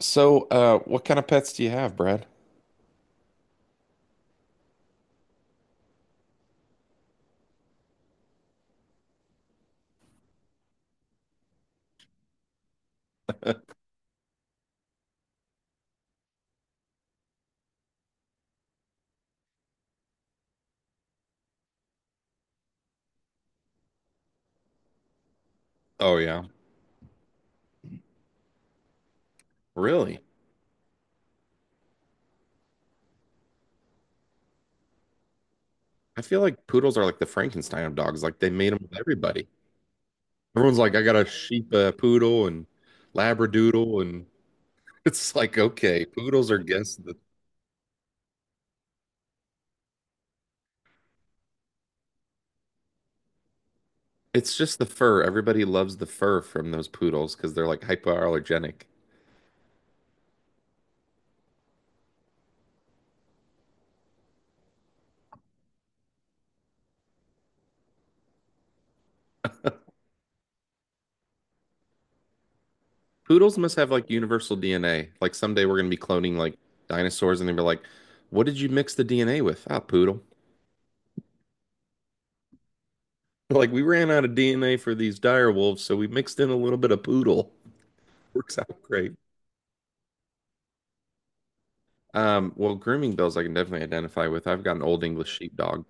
So what kind of pets do you have, Brad? Oh yeah, really? I feel like poodles are like the Frankenstein of dogs. Like they made them with everybody. Everyone's like, I got a sheep, poodle, and labradoodle, and it's like, okay, poodles are guess the. It's just the fur. Everybody loves the fur from those poodles because they're like hypoallergenic. Poodles must have like universal DNA. Like someday we're gonna be cloning like dinosaurs, and they'll be like, "What did you mix the DNA with?" Ah, poodle. Like we ran out of DNA for these dire wolves, so we mixed in a little bit of poodle. Works out great. Well, grooming bills I can definitely identify with. I've got an old English sheepdog.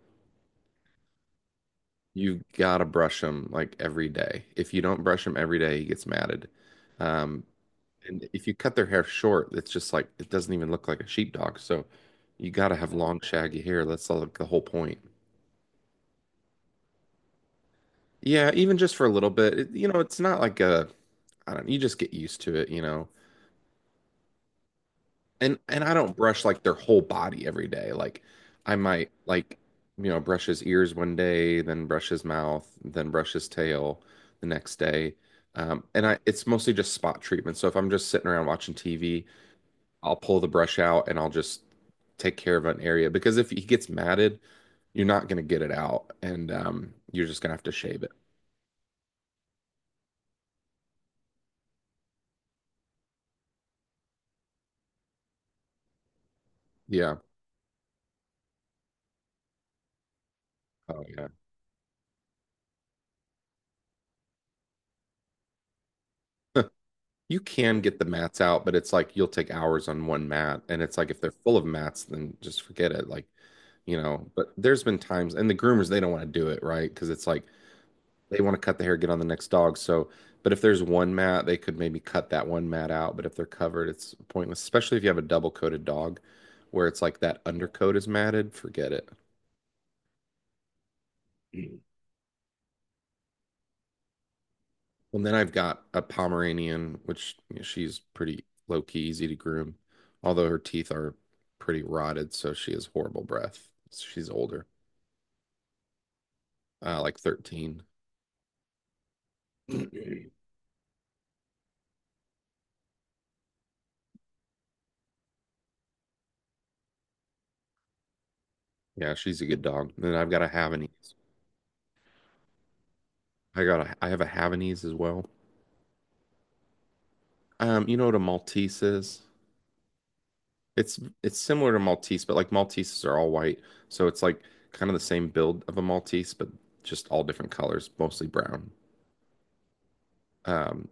You gotta brush him like every day. If you don't brush him every day, he gets matted. Um, and if you cut their hair short, it's just like it doesn't even look like a sheepdog. So you gotta have long, shaggy hair. That's like the whole point. Yeah, even just for a little bit. It, you know, it's not like a, I don't, you just get used to it, And I don't brush like their whole body every day. Like I might like you know brush his ears one day, then brush his mouth, then brush his tail the next day. And I it's mostly just spot treatment. So if I'm just sitting around watching TV, I'll pull the brush out and I'll just take care of an area because if he gets matted, you're not gonna get it out, and you're just gonna have to shave it. Yeah. Oh yeah. You can get the mats out, but it's like you'll take hours on one mat. And it's like if they're full of mats, then just forget it. Like you know, but there's been times, and the groomers, they don't want to do it, right? Because it's like they want to cut the hair, get on the next dog. So, but if there's one mat, they could maybe cut that one mat out. But if they're covered, it's pointless, especially if you have a double coated dog where it's like that undercoat is matted, forget it. And then I've got a Pomeranian, which you know, she's pretty low key, easy to groom, although her teeth are pretty rotted. So she has horrible breath. She's older, like 13. Yeah, she's a good dog. And then I've got a Havanese, I have a Havanese as well. You know what a Maltese is? It's similar to Maltese, but like Malteses are all white, so it's like kind of the same build of a Maltese, but just all different colors, mostly brown. Um,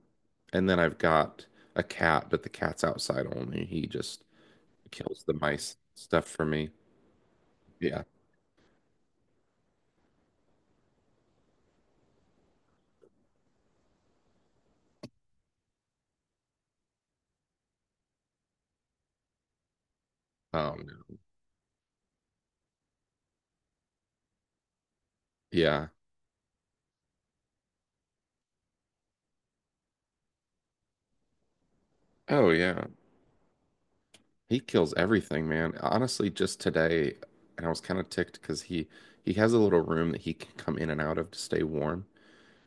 and then I've got a cat, but the cat's outside only. He just kills the mice stuff for me. Yeah. Oh no. Yeah. Oh yeah. He kills everything, man. Honestly, just today, and I was kind of ticked because he has a little room that he can come in and out of to stay warm.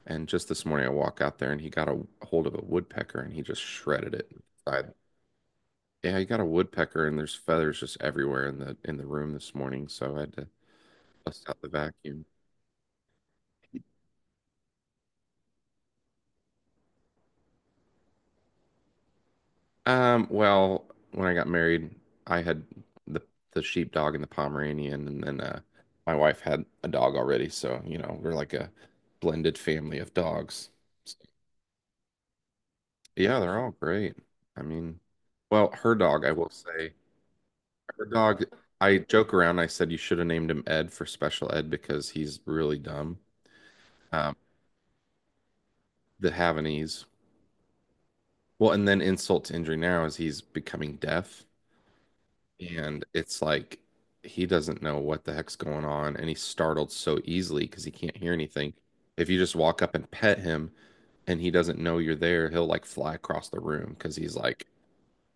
And just this morning, I walk out there and he got a hold of a woodpecker and he just shredded it. I, yeah, he got a woodpecker and there's feathers just everywhere in the room this morning, so I had to bust out the vacuum. Well, when I got married, I had the the sheepdog and the Pomeranian, and then my wife had a dog already, so you know we're like a blended family of dogs. Yeah, they're all great. I mean, well, her dog, I will say. The dog, I joke around. I said you should have named him Ed for special ed because he's really dumb. Um, the Havanese. Well, and then insult to injury now is he's becoming deaf, and it's like he doesn't know what the heck's going on, and he's startled so easily because he can't hear anything. If you just walk up and pet him and he doesn't know you're there, he'll like fly across the room because he's like,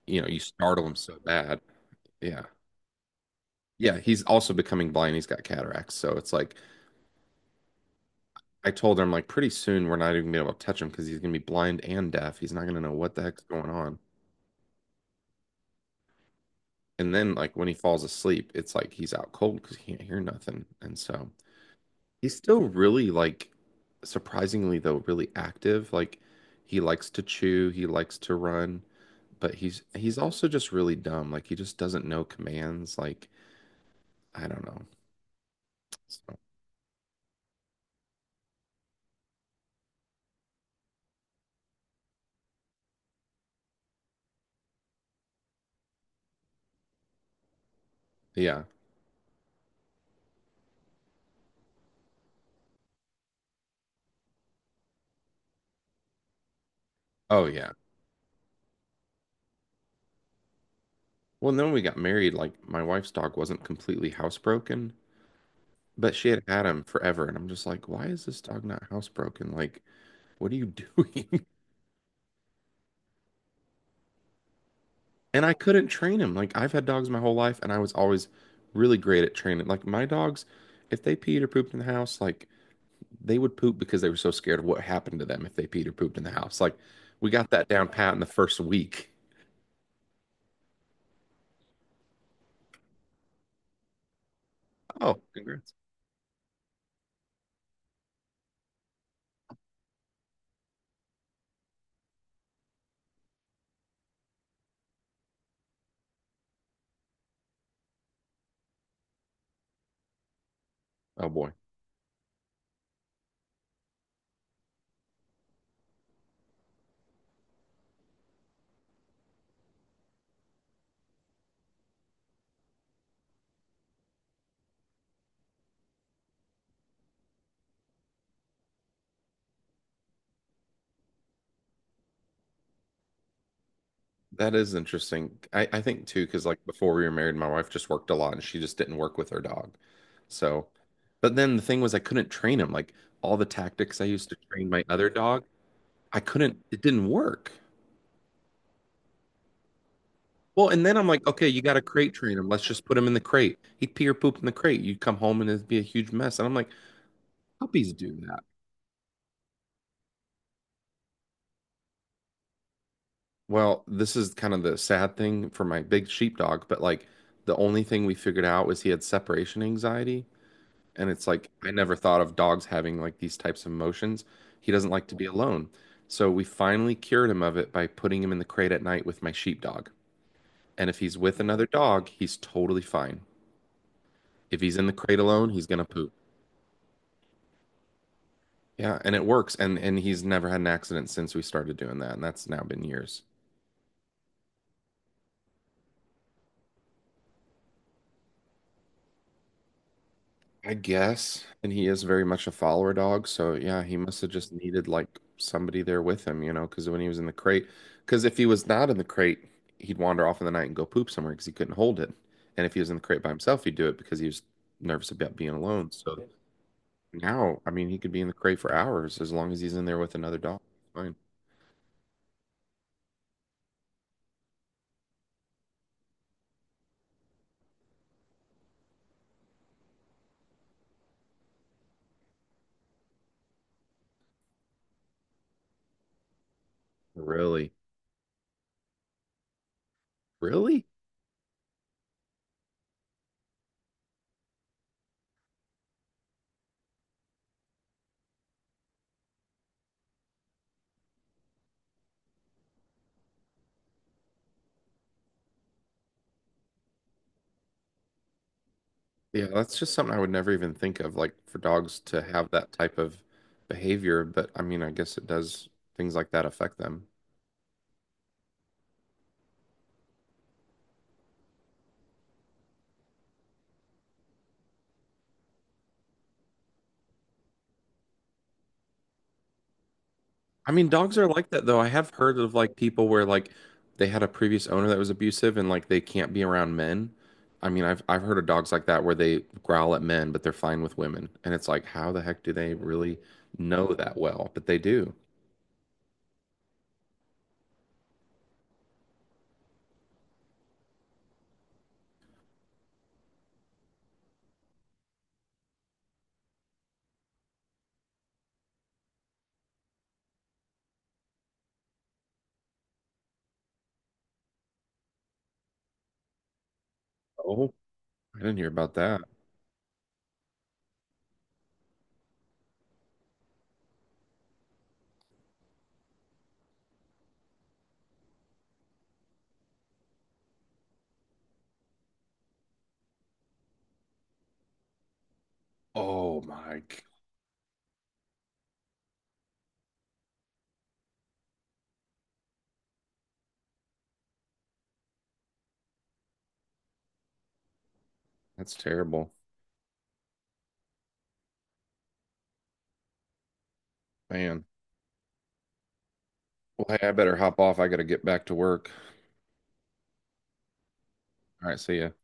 you know, you startle him so bad. Yeah. Yeah, he's also becoming blind. He's got cataracts, so it's like I told her, I'm like, pretty soon we're not even gonna be able to touch him because he's gonna be blind and deaf. He's not gonna know what the heck's going on. And then, like, when he falls asleep, it's like he's out cold because he can't hear nothing. And so he's still really, like, surprisingly, though, really active. Like, he likes to chew, he likes to run, but he's also just really dumb. Like, he just doesn't know commands. Like, I don't know. So, yeah. Oh, yeah. Well, and then when we got married, like, my wife's dog wasn't completely housebroken. But she had had him forever, and I'm just like, why is this dog not housebroken? Like, what are you doing? And I couldn't train him. Like, I've had dogs my whole life, and I was always really great at training. Like, my dogs, if they peed or pooped in the house, like, they would poop because they were so scared of what happened to them if they peed or pooped in the house. Like, we got that down pat in the first week. Oh, congrats. Oh, boy. That is interesting. I think too, because like before we were married, my wife just worked a lot and she just didn't work with her dog. So, but then the thing was, I couldn't train him. Like all the tactics I used to train my other dog, I couldn't, it didn't work. Well, and then I'm like, okay, you got to crate train him. Let's just put him in the crate. He'd pee or poop in the crate. You'd come home and it'd be a huge mess. And I'm like, puppies do that. Well, this is kind of the sad thing for my big sheepdog, but like the only thing we figured out was he had separation anxiety. And it's like, I never thought of dogs having like these types of emotions. He doesn't like to be alone. So we finally cured him of it by putting him in the crate at night with my sheepdog. And if he's with another dog, he's totally fine. If he's in the crate alone, he's gonna poop. Yeah, and it works. And he's never had an accident since we started doing that, and that's now been years. I guess. And he is very much a follower dog. So yeah, he must have just needed like somebody there with him, you know, because when he was in the crate, because if he was not in the crate, he'd wander off in the night and go poop somewhere because he couldn't hold it. And if he was in the crate by himself, he'd do it because he was nervous about being alone. So now, I mean, he could be in the crate for hours as long as he's in there with another dog. Fine. Really? Really? Yeah, that's just something I would never even think of, like for dogs to have that type of behavior. But I mean, I guess it does things like that affect them. I mean, dogs are like that though. I have heard of like people where like they had a previous owner that was abusive and like they can't be around men. I mean, I've heard of dogs like that where they growl at men, but they're fine with women. And it's like, how the heck do they really know that well? But they do. Oh, I didn't hear about that. Oh my, g- that's terrible. Man. Well, hey, I better hop off. I gotta get back to work. All right, see ya.